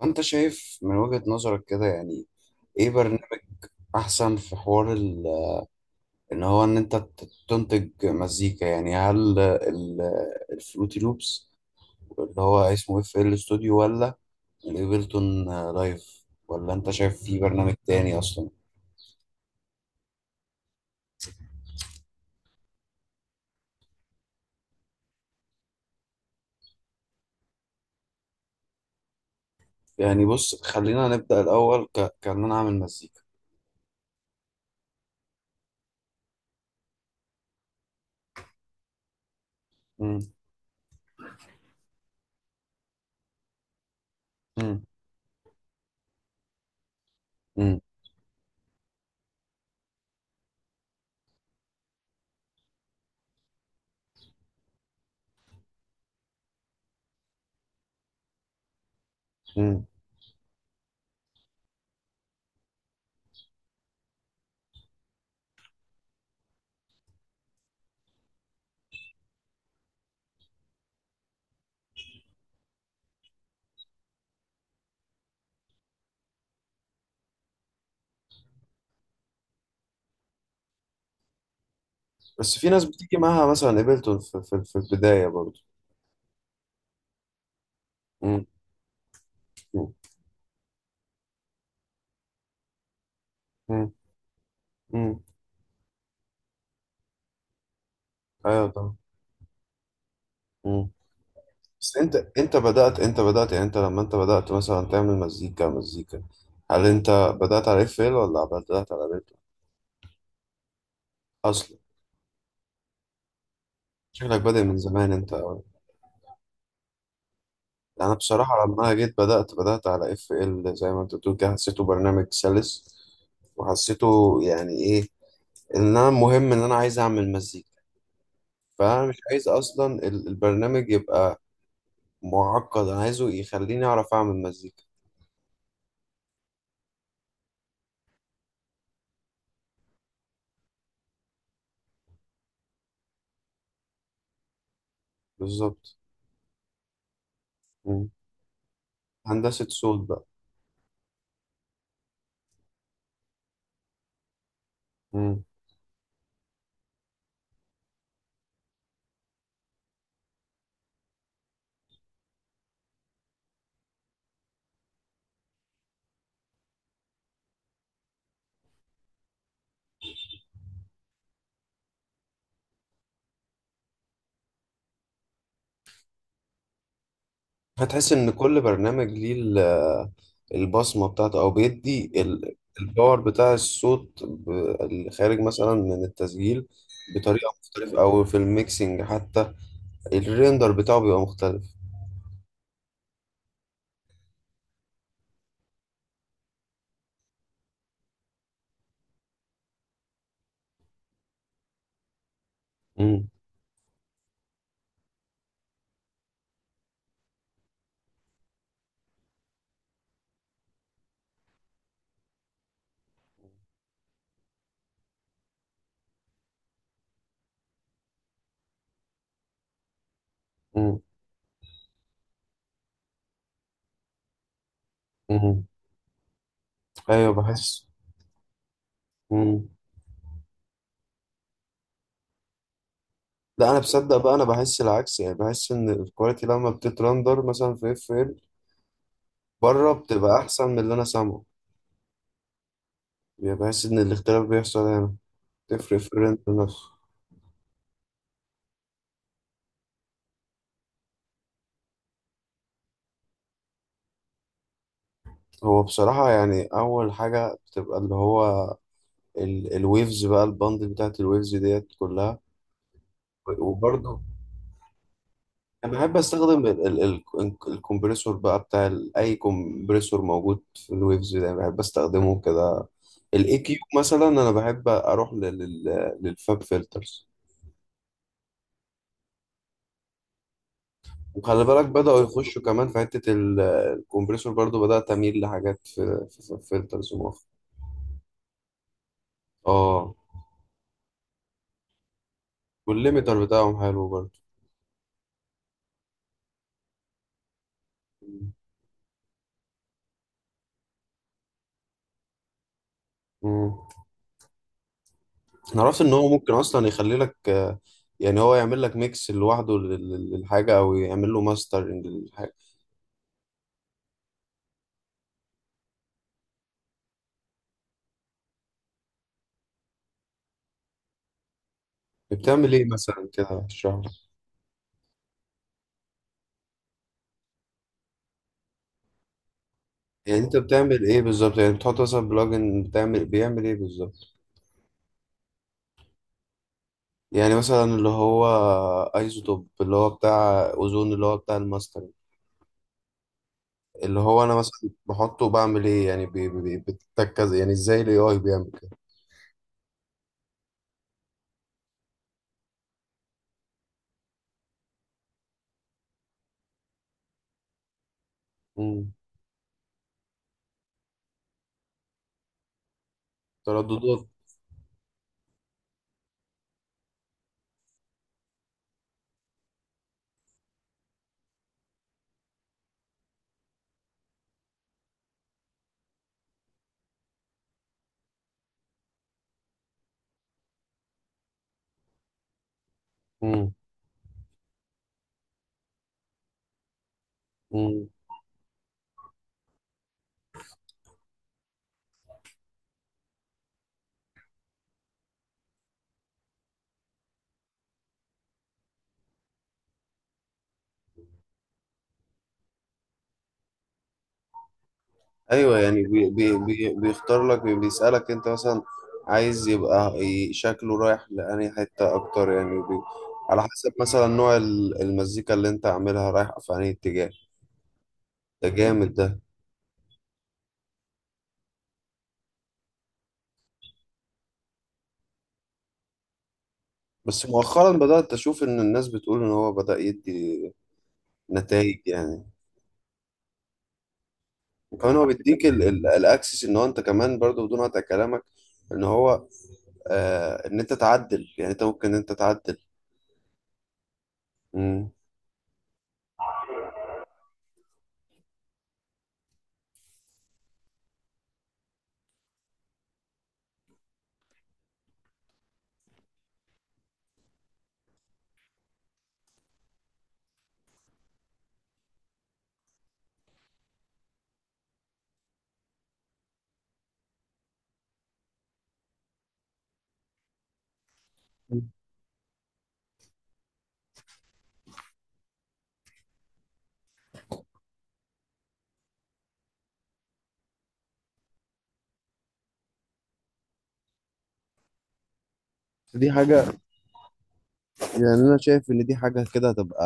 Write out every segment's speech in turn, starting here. وانت شايف من وجهة نظرك كده، يعني ايه برنامج احسن في حوار ان هو ان انت تنتج مزيكا؟ يعني هل الفروتي لوبس اللي هو اسمه اف ال ستوديو، ولا الايفلتون لايف، ولا انت شايف في برنامج تاني اصلا؟ يعني بص خلينا نبدأ الاول، كان انا اعمل مزيكا. مم. مم. مم. مم. بس في ناس بتيجي معاها مثلا ايفلتون في البداية برضو. مم. مم. مم. مم. ايوه طبعا. بس انت بدأت، يعني انت لما انت بدأت مثلا تعمل مزيكا مزيكا، هل انت بدأت على اف ال ولا بدأت على بيت اصلا؟ شكلك بادئ من زمان انت أوي. انا بصراحة لما انا جيت بدأت على اف ال، زي ما انت بتقول كده، حسيته برنامج سلس، وحسيته يعني ايه، ان انا مهم ان انا عايز اعمل مزيكا، فانا مش عايز اصلا البرنامج يبقى معقد، انا عايزه يخليني اعرف اعمل مزيكا. بالظبط. مم. هندسة صوت بقى. هتحس ان كل برنامج ليه البصمه بتاعته، او بيدي الباور بتاع الصوت، اللي خارج مثلا من التسجيل بطريقه مختلفه، او في الميكسينج حتى الريندر بتاعه بيبقى مختلف. امم. امم. امم. ايوه بحس. امم. لا، انا بصدق بقى، انا بحس العكس، يعني بحس ان الكواليتي لما بتترندر مثلا في اف ال بره بتبقى احسن من اللي انا سامعه، يعني بحس ان الاختلاف بيحصل هنا، تفرق في الريندر نفسه. هو بصراحة يعني أول حاجة بتبقى اللي هو الويفز بقى، البندل بتاعت الويفز ديت كلها. وبرضه أنا بحب أستخدم الكمبريسور بقى، بتاع أي كمبريسور موجود في الويفز ده، يعني بحب أستخدمه كده. الإي كيو مثلا أنا بحب أروح للفاب فلترز. وخلي بالك بدأوا يخشوا كمان في حتة الكمبريسور، برضه بدأت أميل لحاجات في فلترز مؤخرا. اه. والليميتر بتاعهم حلو برضه. مم. انا عرفت ان هو ممكن اصلا يخلي لك، يعني هو يعمل لك ميكس لوحده للحاجه، او يعمل له ماسترنج للحاجه. بتعمل ايه مثلا كده، اشرح لي. يعني انت بتعمل ايه بالظبط؟ يعني بتحط مثلا بلوجن بيعمل ايه بالظبط؟ يعني مثلا اللي هو ايزوتوب اللي هو بتاع اوزون اللي هو بتاع الماسترنج، اللي هو انا مثلا بحطه بعمل ايه؟ يعني بتتكز، يعني ازاي الاي اي بيعمل كده. مم. ترددات. مم. ايوه، يعني بي بي بي بيختار لك، بيسألك انت مثلا عايز يبقى شكله رايح لأنهي حتة اكتر، يعني على حسب مثلا نوع المزيكا اللي انت عاملها رايح في انهي اتجاه. ده جامد ده. بس مؤخرا بدأت اشوف ان الناس بتقول ان هو بدأ يدي نتائج يعني. وكمان هو بيديك الاكسس، ان هو انت كمان برضو بدون قطع كلامك، ان هو ان انت تعدل، يعني انت ممكن ان انت تعدل. مم. دي حاجة، يعني أنا شايف إن دي حاجة كده هتبقى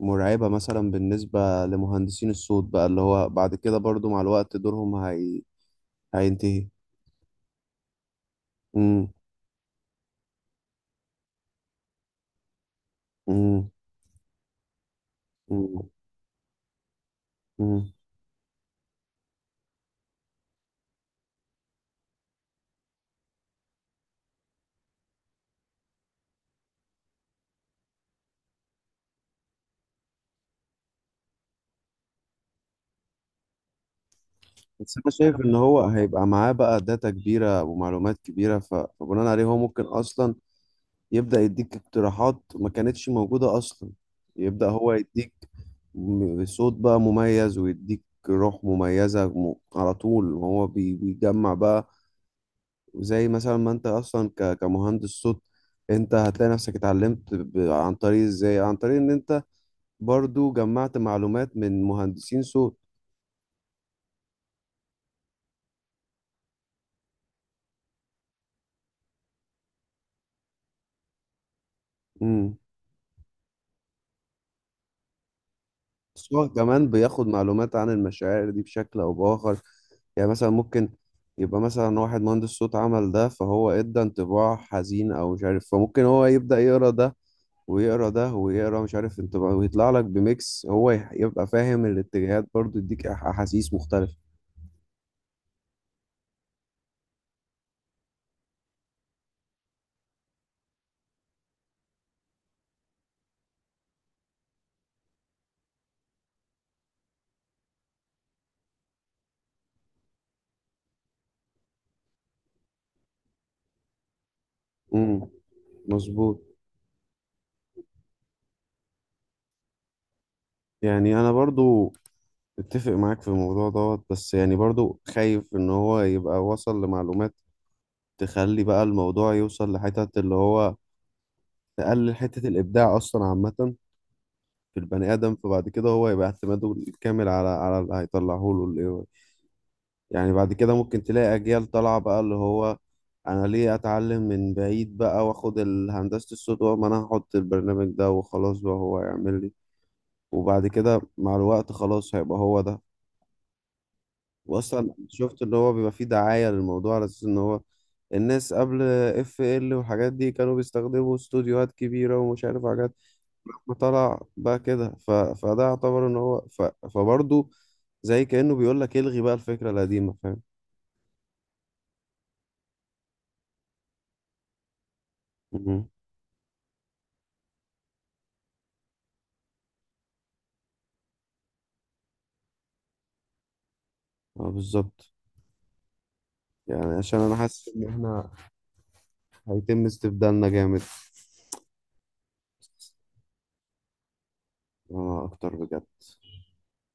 مرعبة مثلا بالنسبة لمهندسين الصوت بقى، اللي هو بعد كده برضو مع الوقت دورهم هينتهي. مم. مم. مم. مم. بس أنا شايف إن هو هيبقى معاه بقى داتا كبيرة ومعلومات كبيرة، فبناء عليه هو ممكن أصلا يبدأ يديك اقتراحات ما كانتش موجودة أصلا، يبدأ هو يديك صوت بقى مميز، ويديك روح مميزة على طول، وهو بيجمع بقى. وزي مثلا ما انت اصلا كمهندس صوت، انت هتلاقي نفسك اتعلمت عن طريق ازاي، عن طريق ان انت برضو جمعت معلومات من مهندسين صوت. امم. بس هو كمان بياخد معلومات عن المشاعر دي بشكل او باخر، يعني مثلا ممكن يبقى مثلا واحد مهندس صوت عمل ده، فهو ادى انطباع حزين او مش عارف، فممكن هو يبدأ يقرا ده، ويقرا ده، ويقرا مش عارف انطباع، ويطلع لك بميكس هو يبقى فاهم الاتجاهات، برضو يديك احاسيس مختلفة. امم مظبوط. يعني انا برضو اتفق معاك في الموضوع دوت، بس يعني برضو خايف ان هو يبقى وصل لمعلومات تخلي بقى الموضوع يوصل لحتة اللي هو تقلل حتة الابداع اصلا عامة في البني ادم، فبعد كده هو يبقى اعتماده الكامل على اللي هيطلعه له ال AI. يعني بعد كده ممكن تلاقي اجيال طالعة بقى، اللي هو انا ليه اتعلم من بعيد، بقى واخد هندسة الصوت، وما انا هحط البرنامج ده وخلاص بقى هو يعمل لي، وبعد كده مع الوقت خلاص هيبقى هو ده. واصلا شفت اللي هو بيبقى فيه دعاية للموضوع على اساس ان هو الناس قبل اف ال والحاجات دي كانوا بيستخدموا استوديوهات كبيرة ومش عارف حاجات، ما طلع بقى كده، فده يعتبر ان هو فبرضه زي كأنه بيقول لك الغي بقى الفكرة القديمة، فاهم. مهم. اه بالظبط. يعني عشان انا حاسس ان احنا هيتم استبدالنا جامد. اه اكتر بجد.